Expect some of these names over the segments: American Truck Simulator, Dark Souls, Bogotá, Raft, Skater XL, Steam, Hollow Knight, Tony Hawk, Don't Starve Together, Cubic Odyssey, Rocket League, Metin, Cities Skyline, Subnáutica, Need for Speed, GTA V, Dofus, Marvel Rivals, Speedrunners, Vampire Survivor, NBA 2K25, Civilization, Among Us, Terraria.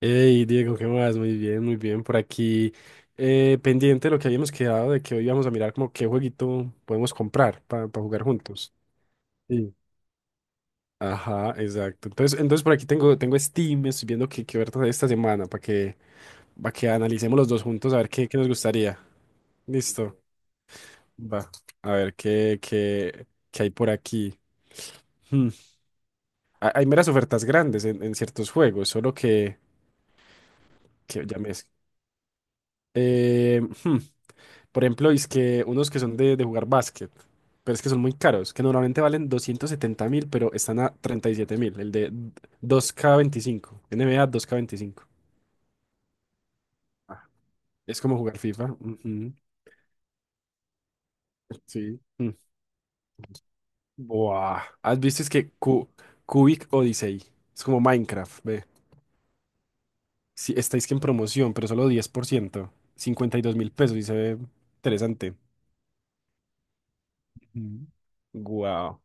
Hey Diego, ¿qué más? Muy bien, muy bien. Por aquí, pendiente de lo que habíamos quedado, de que hoy íbamos a mirar como qué jueguito podemos comprar para jugar juntos. Sí. Ajá, exacto. Entonces, por aquí tengo Steam, estoy viendo qué ofertas hay esta semana para que analicemos los dos juntos a ver qué nos gustaría. Listo. Va. A ver qué hay por aquí. Hmm. Hay meras ofertas grandes en ciertos juegos, solo que ya me. Eh, hmm. Por ejemplo, es que unos que son de jugar básquet, pero es que son muy caros, que normalmente valen 270 mil, pero están a 37 mil, el de 2K25, NBA 2K25. Ah, es como jugar FIFA. Ujú. Sí. Mm. Buah. ¿Has visto? Es que Cubic Odyssey. Es como Minecraft, ve. Sí, estáis que en promoción, pero solo 10%. 52 mil pesos y se ve interesante. Ujú. Guau.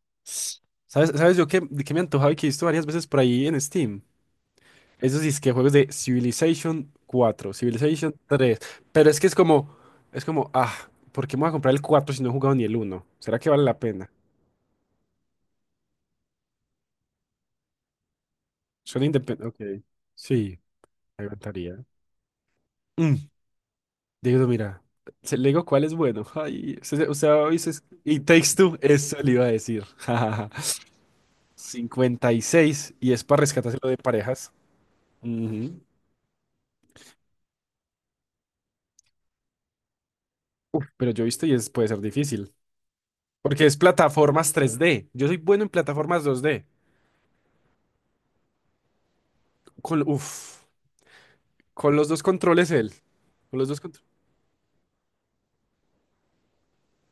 ¿Sabes yo qué, de qué me antojaba y que he visto varias veces por ahí en Steam? Eso sí es que juegos de Civilization cuatro, Civilization tres. Pero es que es como, ah, ¿por qué me voy a comprar el 4 si no he jugado ni el uno? ¿Será que vale la pena? Suena independiente. Ok. Sí, me encantaría. Mm, Diego, mira, le digo cuál es bueno. Ay, usted ha oído y Takes Two, eso le iba a decir. 56 y es para rescatárselo de parejas. Ujú. Uf, pero yo he visto y es, puede ser difícil. Porque es plataformas 3D. Yo soy bueno en plataformas 2D. Con, uf, con los dos controles él. Con los dos controles.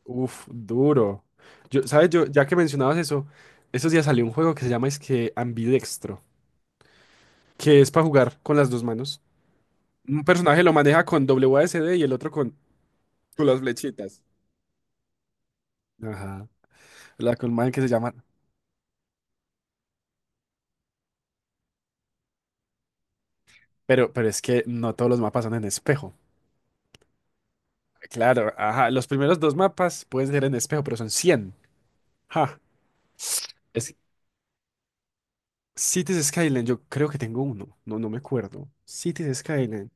Uf, duro. Yo, ¿sabes? Yo, ya que mencionabas eso, estos días salió un juego que se llama es que Ambidextro, que es para jugar con las dos manos. Un personaje lo maneja con WASD y el otro con las flechitas. Ajá. La con man que se llama. Pero es que no todos los mapas son en espejo. Claro, ajá. Los primeros dos mapas pueden ser en espejo, pero son cien. Ja. Es Cities Skyline, yo creo que tengo uno. No, no me acuerdo. Cities Skyline.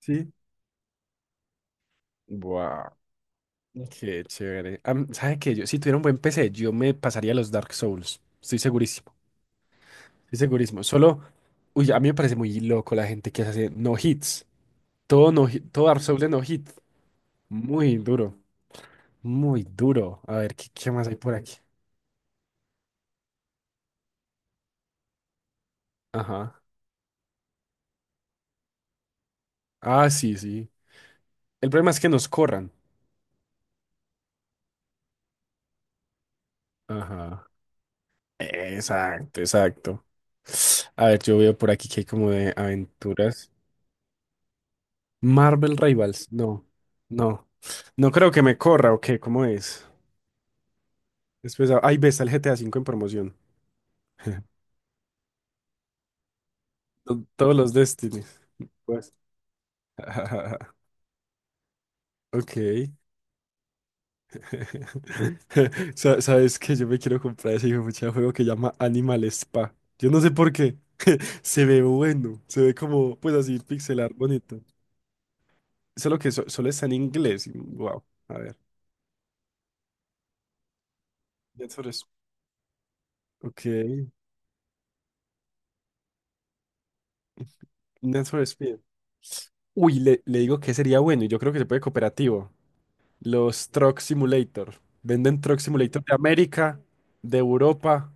Sí. Wow, qué chévere. ¿Sabe qué? Yo, si tuviera un buen PC, yo me pasaría los Dark Souls. Estoy segurísimo. Estoy segurísimo. Solo, uy, a mí me parece muy loco la gente que hace no hits. Todo, no, todo Dark Souls de no hit. Muy duro. Muy duro. A ver, ¿qué más hay por aquí. Ajá. Ah, sí, sí. El problema es que nos corran. Ajá. Exacto, exacto. A ver, yo veo por aquí que hay como de aventuras. Marvel Rivals, no, no, no creo que me corra o qué, ¿cómo es? Después, ahí ves está el GTA V en promoción. Todos los Destinies, pues. Ok. Sabes que yo me quiero comprar ese hijo de juego que llama Animal Spa. Yo no sé por qué. Se ve bueno. Se ve como, pues así, pixelar bonito. Solo que solo está en inglés. Wow. A ver. Need for Speed. Ok. Need for Speed. Uy, le digo que sería bueno. Y yo creo que se puede cooperativo. Los Truck Simulator. Venden Truck Simulator de América, de Europa.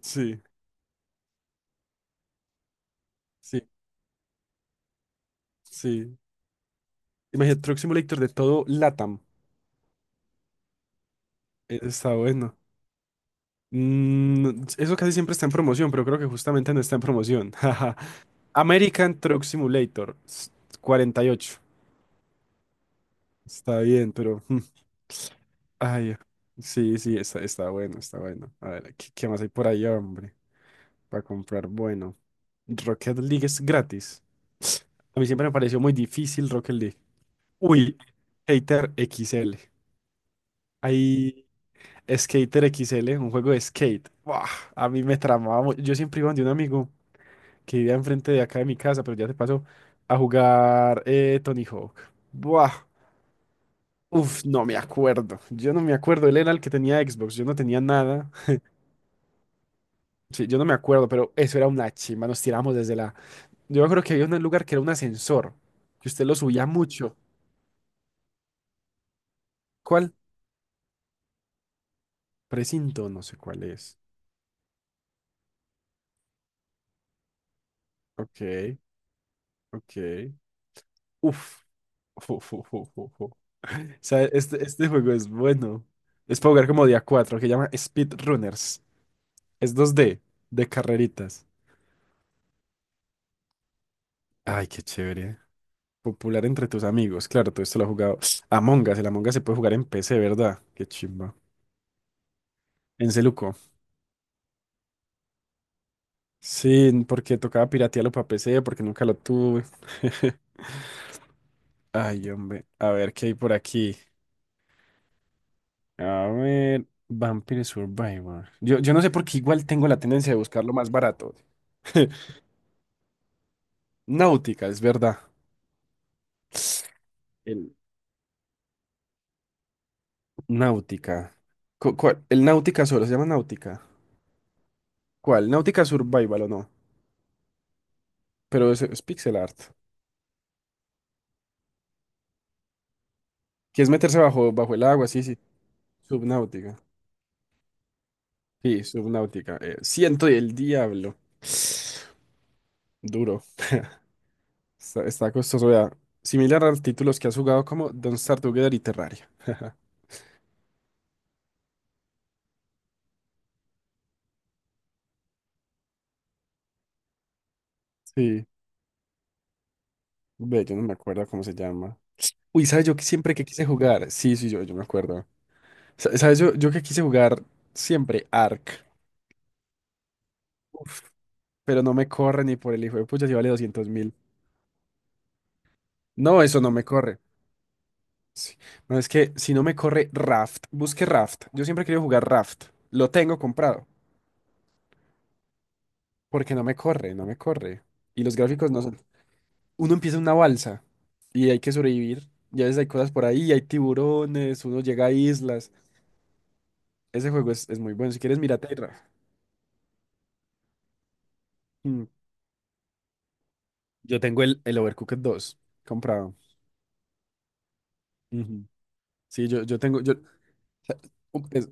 Sí, sí, sí. Imagínate, Truck Simulator de todo LATAM. Está bueno. Eso casi siempre está en promoción, pero creo que justamente no está en promoción. Jaja. American Truck Simulator 48. Está bien, pero. Ay, sí, sí, está bueno, está bueno. A ver, ¿qué más hay por ahí, hombre. Para comprar, bueno. Rocket League es gratis. A mí siempre me pareció muy difícil Rocket League. Uy, Skater X L. Hay Skater X L, un juego de skate. Buah, a mí me tramaba mucho. Yo siempre iba donde un amigo que vivía enfrente de acá de mi casa, pero ya se pasó a jugar Tony Hawk. Buah, uf, no me acuerdo. Yo no me acuerdo. Él era el que tenía Xbox. Yo no tenía nada. Sí, yo no me acuerdo, pero eso era una chimba. Nos tiramos desde la. Yo me acuerdo que había un lugar que era un ascensor, que usted lo subía mucho. ¿Cuál? Precinto, no sé cuál es. Ok, ok. Uf. Fu, fu, fu, fu, fu. O sea, este juego es bueno. Es para jugar como día 4, que llama Speedrunners. Es 2D de carreritas. Ay, qué chévere. Popular entre tus amigos. Claro, todo esto lo he jugado. Among Us, el Among Us se puede jugar en PC, ¿verdad? Qué chimba. En Celuco. Sí, porque tocaba piratearlo para PC, porque nunca lo tuve. Ay, hombre. A ver, ¿qué hay por aquí? A ver. Vampire Survivor. Yo no sé por qué igual tengo la tendencia de buscar lo más barato. Náutica, es verdad. El Náutica. El Náutica solo se llama Náutica. ¿Cuál? Náutica Survival o no. Pero es pixel art. Que es meterse bajo, bajo el agua, sí, sí. Subnáutica. Sí, subnáutica. Ciento y el diablo. Duro. Está costoso, vea. Similar a los títulos que has jugado como Don't Starve Together y Terraria. Sí. Ve, yo no me acuerdo cómo se llama. Uy, ¿sabes yo que siempre que quise jugar? Sí, sí, yo me acuerdo. ¿Sabes? Yo, que quise jugar siempre Ark. Uf, pero no me corre ni por el hijo de pucha si vale 200,000. No, eso no me corre. Sí. No, es que si no me corre Raft, busque Raft. Yo siempre he querido jugar Raft. Lo tengo comprado. Porque no me corre, no me corre. Y los gráficos no son. Uno empieza en una balsa y hay que sobrevivir. Ya veces hay cosas por ahí, hay tiburones, uno llega a islas. Ese juego es muy bueno. Si quieres, mírate. Raft. Mm. Yo tengo el Overcooked 2 comprado. Ujú. Sí, yo tengo. Yo, sea, Es,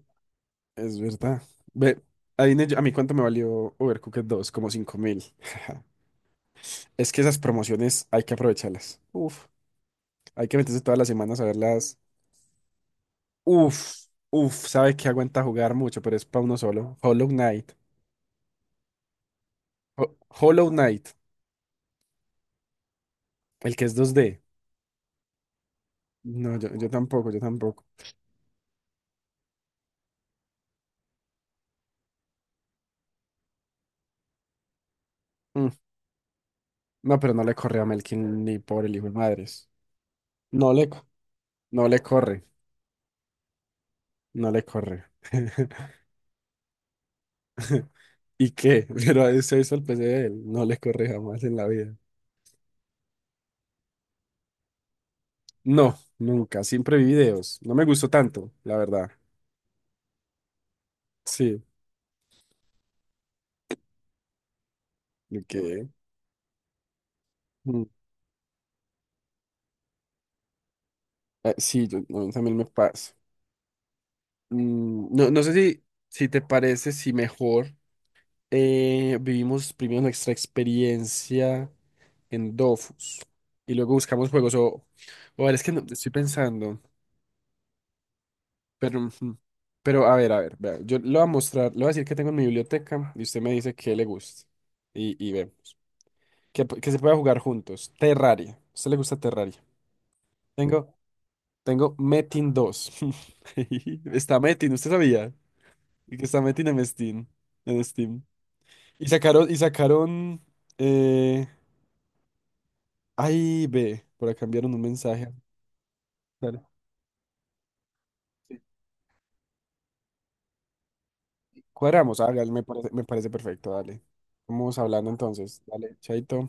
es verdad. Ve, adivine yo, a mí cuánto me valió Overcooked 2 como 5,000. Es que esas promociones hay que aprovecharlas. Uf, hay que meterse todas las semanas a verlas. Uf, uf, sabe que aguanta jugar mucho, pero es para uno solo. Hollow Knight. Hollow Knight, el que es 2D. No, yo tampoco, yo tampoco. Mm, No pero no le corre a Melkin ni por el hijo de madres. No le, co- no le corre, no le corre. ¿Y qué? Pero a ese hizo el PC de él. No le corre jamás en la vida. No, nunca. Siempre vi videos. No me gustó tanto, la verdad. Sí, de qué. Mm, eh, sí, yo, a mí también me pasa. No, no sé si te parece, si mejor vivimos primero nuestra experiencia en Dofus y luego buscamos juegos. O, a ver, es que estoy pensando. Pero, ujú. Pero a ver, vea, yo le voy a mostrar, le voy a decir que tengo en mi biblioteca y usted me dice que le gusta. Y ve, que, que se pueda jugar juntos. Terraria. ¿A usted le gusta Terraria? Tengo, tengo Metin dos. Está Metin, ¿usted sabía? Y que está Metin en Steam. En Steam. Y sacaron, eh, ay, ve, por acá enviaron un mensaje. Dale. Sí. Cuadramos, hágale, me parece perfecto, dale. Vamos hablando entonces. Dale, chaito.